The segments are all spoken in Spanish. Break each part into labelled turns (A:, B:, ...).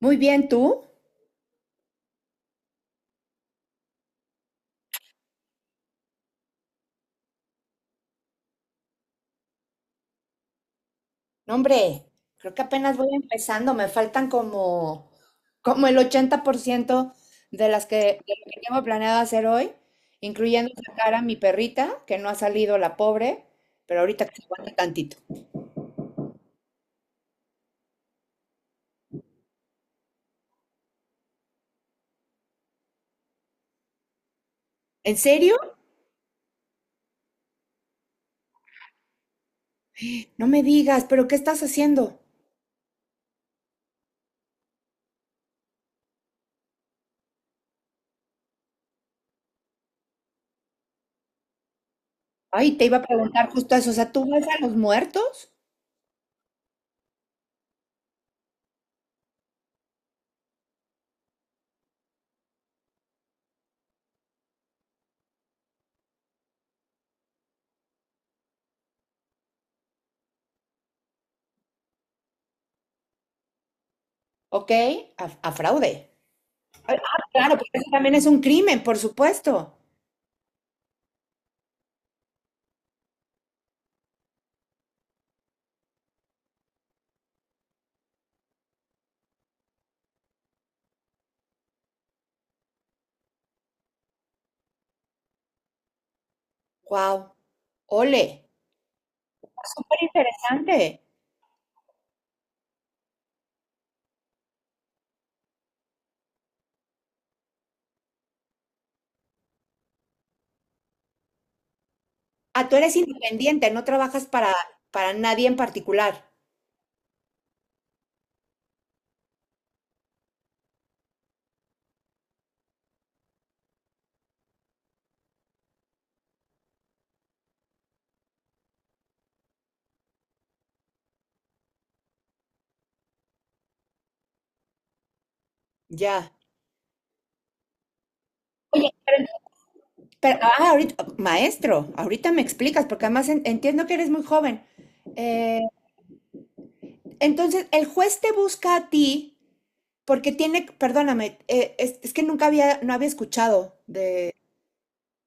A: Muy bien, ¿tú? No, hombre, creo que apenas voy empezando, me faltan como el 80% de las que, de lo que tengo planeado hacer hoy, incluyendo sacar a mi perrita, que no ha salido la pobre, pero ahorita que se aguante tantito. ¿En serio? No me digas, pero ¿qué estás haciendo? Ay, te iba a preguntar justo eso, o sea, ¿tú vas a los muertos? Ok, a fraude. Ah, claro, porque eso también es un crimen, por supuesto. Wow, ole, súper interesante. Ah, tú eres independiente, no trabajas para nadie en particular. Ya. Pero. Ahorita, maestro, ahorita me explicas, porque además entiendo que eres muy joven. Eh, entonces, el juez te busca a ti porque tiene, perdóname, es que nunca había, no había escuchado de,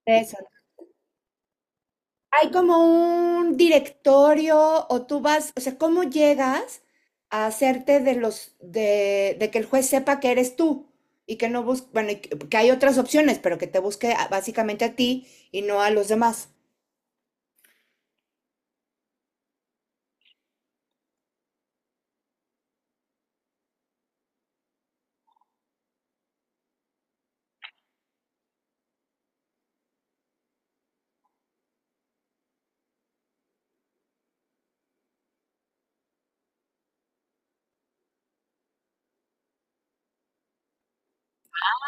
A: de eso. Hay como un directorio o tú vas, o sea, ¿cómo llegas a hacerte de los de que el juez sepa que eres tú y que no busque, bueno, y que hay otras opciones, pero que te busque básicamente a ti y no a los demás?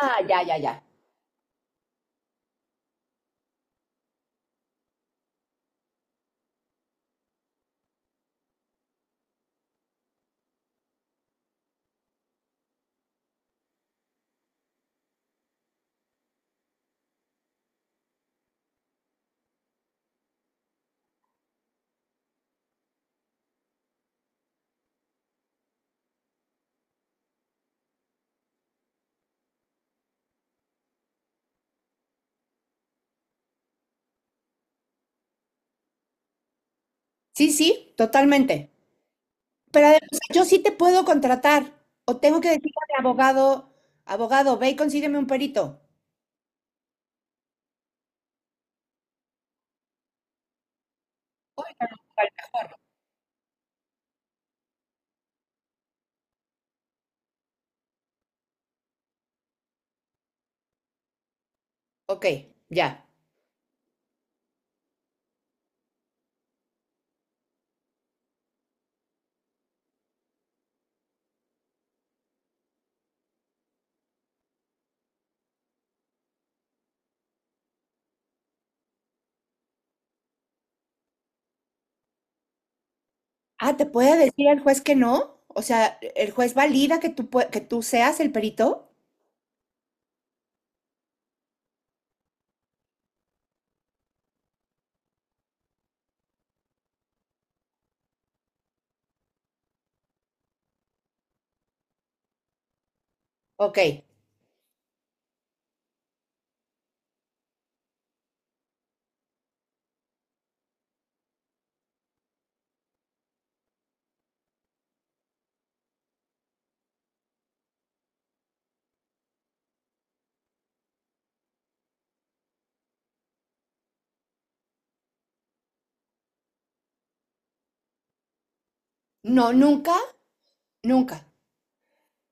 A: Ah, ya, ya, ya. Sí, sí, totalmente. Pero además, yo sí te puedo contratar o tengo que decirle a mi abogado, abogado, ve y consígueme un perito. Ok, ya. Ah, ¿te puede decir el juez que no? O sea, ¿el juez valida que tú seas el perito? Ok. No, nunca, nunca.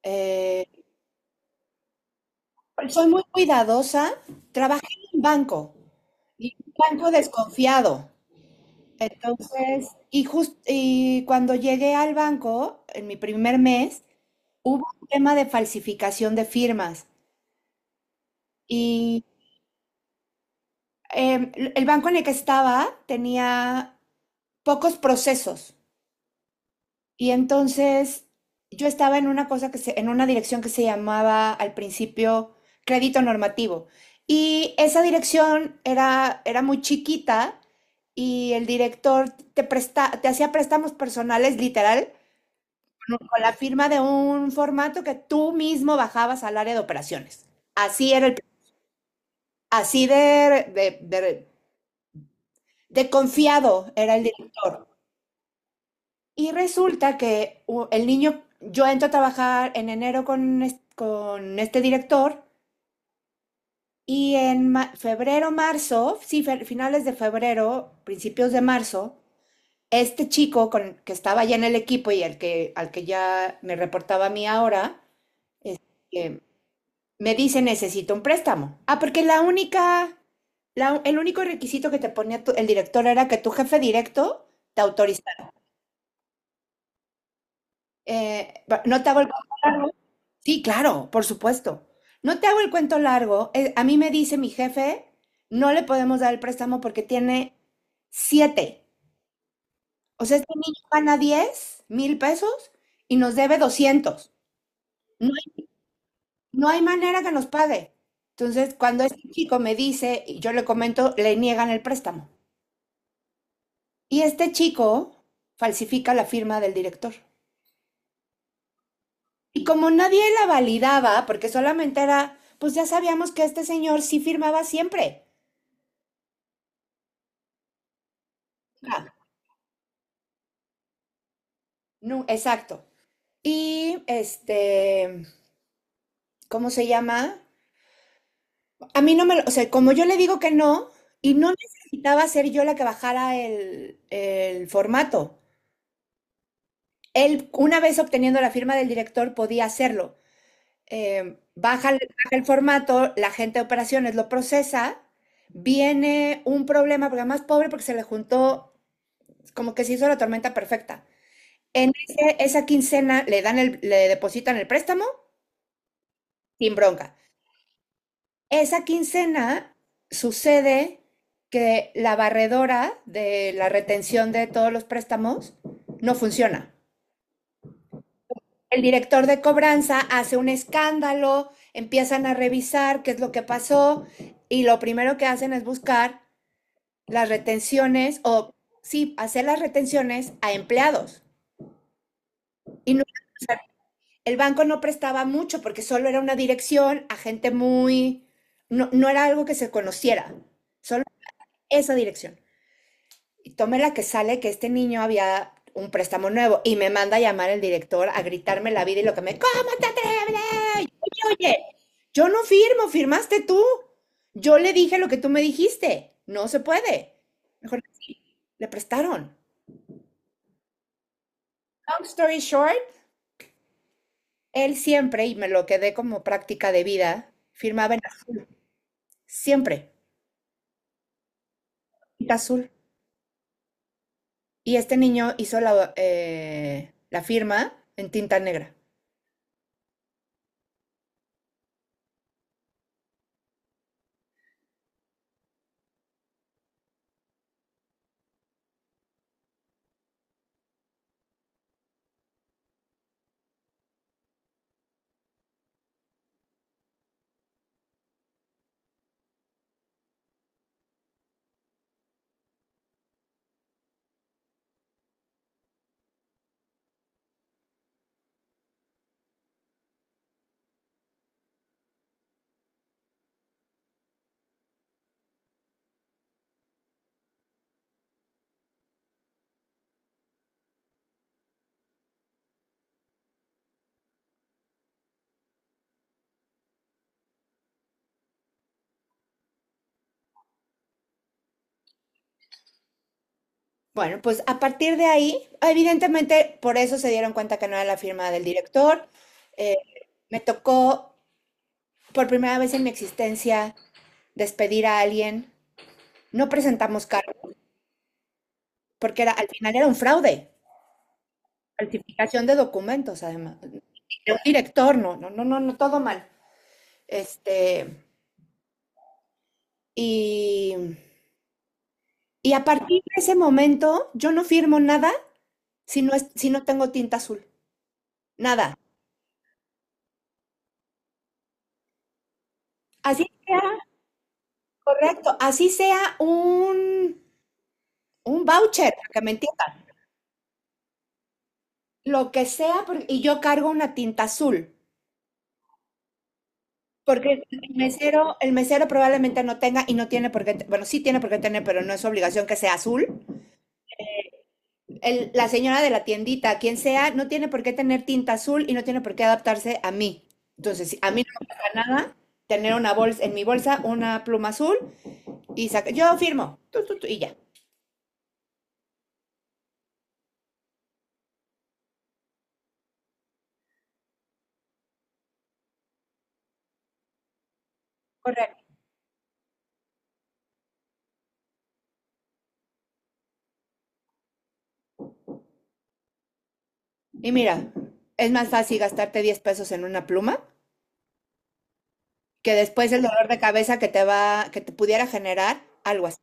A: Eh, Soy muy cuidadosa. Trabajé en un banco y un banco desconfiado. Entonces, y cuando llegué al banco, en mi primer mes, hubo un tema de falsificación de firmas. Y el banco en el que estaba tenía pocos procesos. Y entonces yo estaba en una cosa en una dirección que se llamaba al principio crédito normativo. Y esa dirección era muy chiquita y el director te hacía préstamos personales literal con la firma de un formato que tú mismo bajabas al área de operaciones. Así era el, Así de confiado era el director. Y resulta que el niño, yo entro a trabajar en enero con este director y en febrero, marzo, sí, finales de febrero, principios de marzo, este chico que estaba ya en el equipo y al que ya me reportaba a mí ahora, eh, me dice necesito un préstamo. Ah, porque el único requisito que te ponía el director era que tu jefe directo te autorizara. Eh, no te hago el contrato. Sí, claro, por supuesto. No te hago el cuento largo. A mí me dice mi jefe, no le podemos dar el préstamo porque tiene siete. O sea, este niño gana 10,000 pesos y nos debe 200. No hay, no hay manera que nos pague. Entonces, cuando este chico me dice, y yo le comento, le niegan el préstamo. Y este chico falsifica la firma del director. Y como nadie la validaba, porque solamente era, pues ya sabíamos que este señor sí firmaba siempre. No, exacto. Y este, ¿cómo se llama? A mí no me lo, o sea, como yo le digo que no, y no necesitaba ser yo la que bajara el formato. Él, una vez obteniendo la firma del director, podía hacerlo. Eh, baja, el- Baja el formato, la gente de operaciones lo procesa, viene un problema, porque además pobre porque se le juntó, como que se hizo la tormenta perfecta. Esa quincena le dan le depositan el préstamo sin bronca. Esa quincena sucede que la barredora de la retención de todos los préstamos no funciona. El director de cobranza hace un escándalo, empiezan a revisar qué es lo que pasó y lo primero que hacen es buscar las retenciones o sí, hacer las retenciones a empleados. Y no, o sea, el banco no prestaba mucho porque solo era una dirección a gente muy, no, no era algo que se conociera, solo esa dirección. Y tome la que sale que este niño había un préstamo nuevo y me manda a llamar el director a gritarme la vida y lo que me, ¿cómo te atreves? Oye, yo no firmo, firmaste tú. Yo le dije lo que tú me dijiste. No se puede. Mejor le prestaron. Long story short, él siempre, y me lo quedé como práctica de vida, firmaba en azul. Siempre, tinta azul. Y este niño hizo la firma en tinta negra. Bueno, pues a partir de ahí, evidentemente por eso se dieron cuenta que no era la firma del director. Eh, Me tocó por primera vez en mi existencia despedir a alguien. No presentamos cargo porque era, al final era un fraude, falsificación de documentos además. De un director, no, no, no, no, no, todo mal. Este, y, y a partir de ese momento yo no firmo nada si no tengo tinta azul, nada. Así sea. Correcto, así sea un voucher, para que me entiendan, lo que sea, y yo cargo una tinta azul, porque el mesero probablemente no tenga y no tiene por qué, bueno, sí tiene por qué tener, pero no es obligación que sea azul. La señora de la tiendita, quien sea, no tiene por qué tener tinta azul y no tiene por qué adaptarse a mí. Entonces, si a mí no me pasa nada tener una bolsa, en mi bolsa una pluma azul y saca, yo firmo, tu, y ya. Correcto. Y mira, es más fácil gastarte 10 pesos en una pluma que después el dolor de cabeza que te pudiera generar, algo así.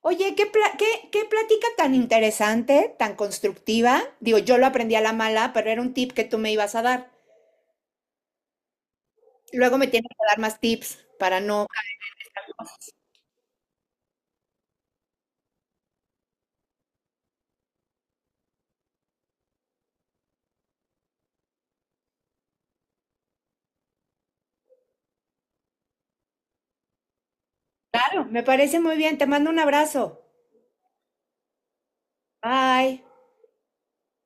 A: Oye, ¿qué plática tan interesante, tan constructiva. Digo, yo lo aprendí a la mala, pero era un tip que tú me ibas a dar. Luego me tienes que dar más tips para no. Claro, me parece muy bien. Te mando un abrazo. Bye.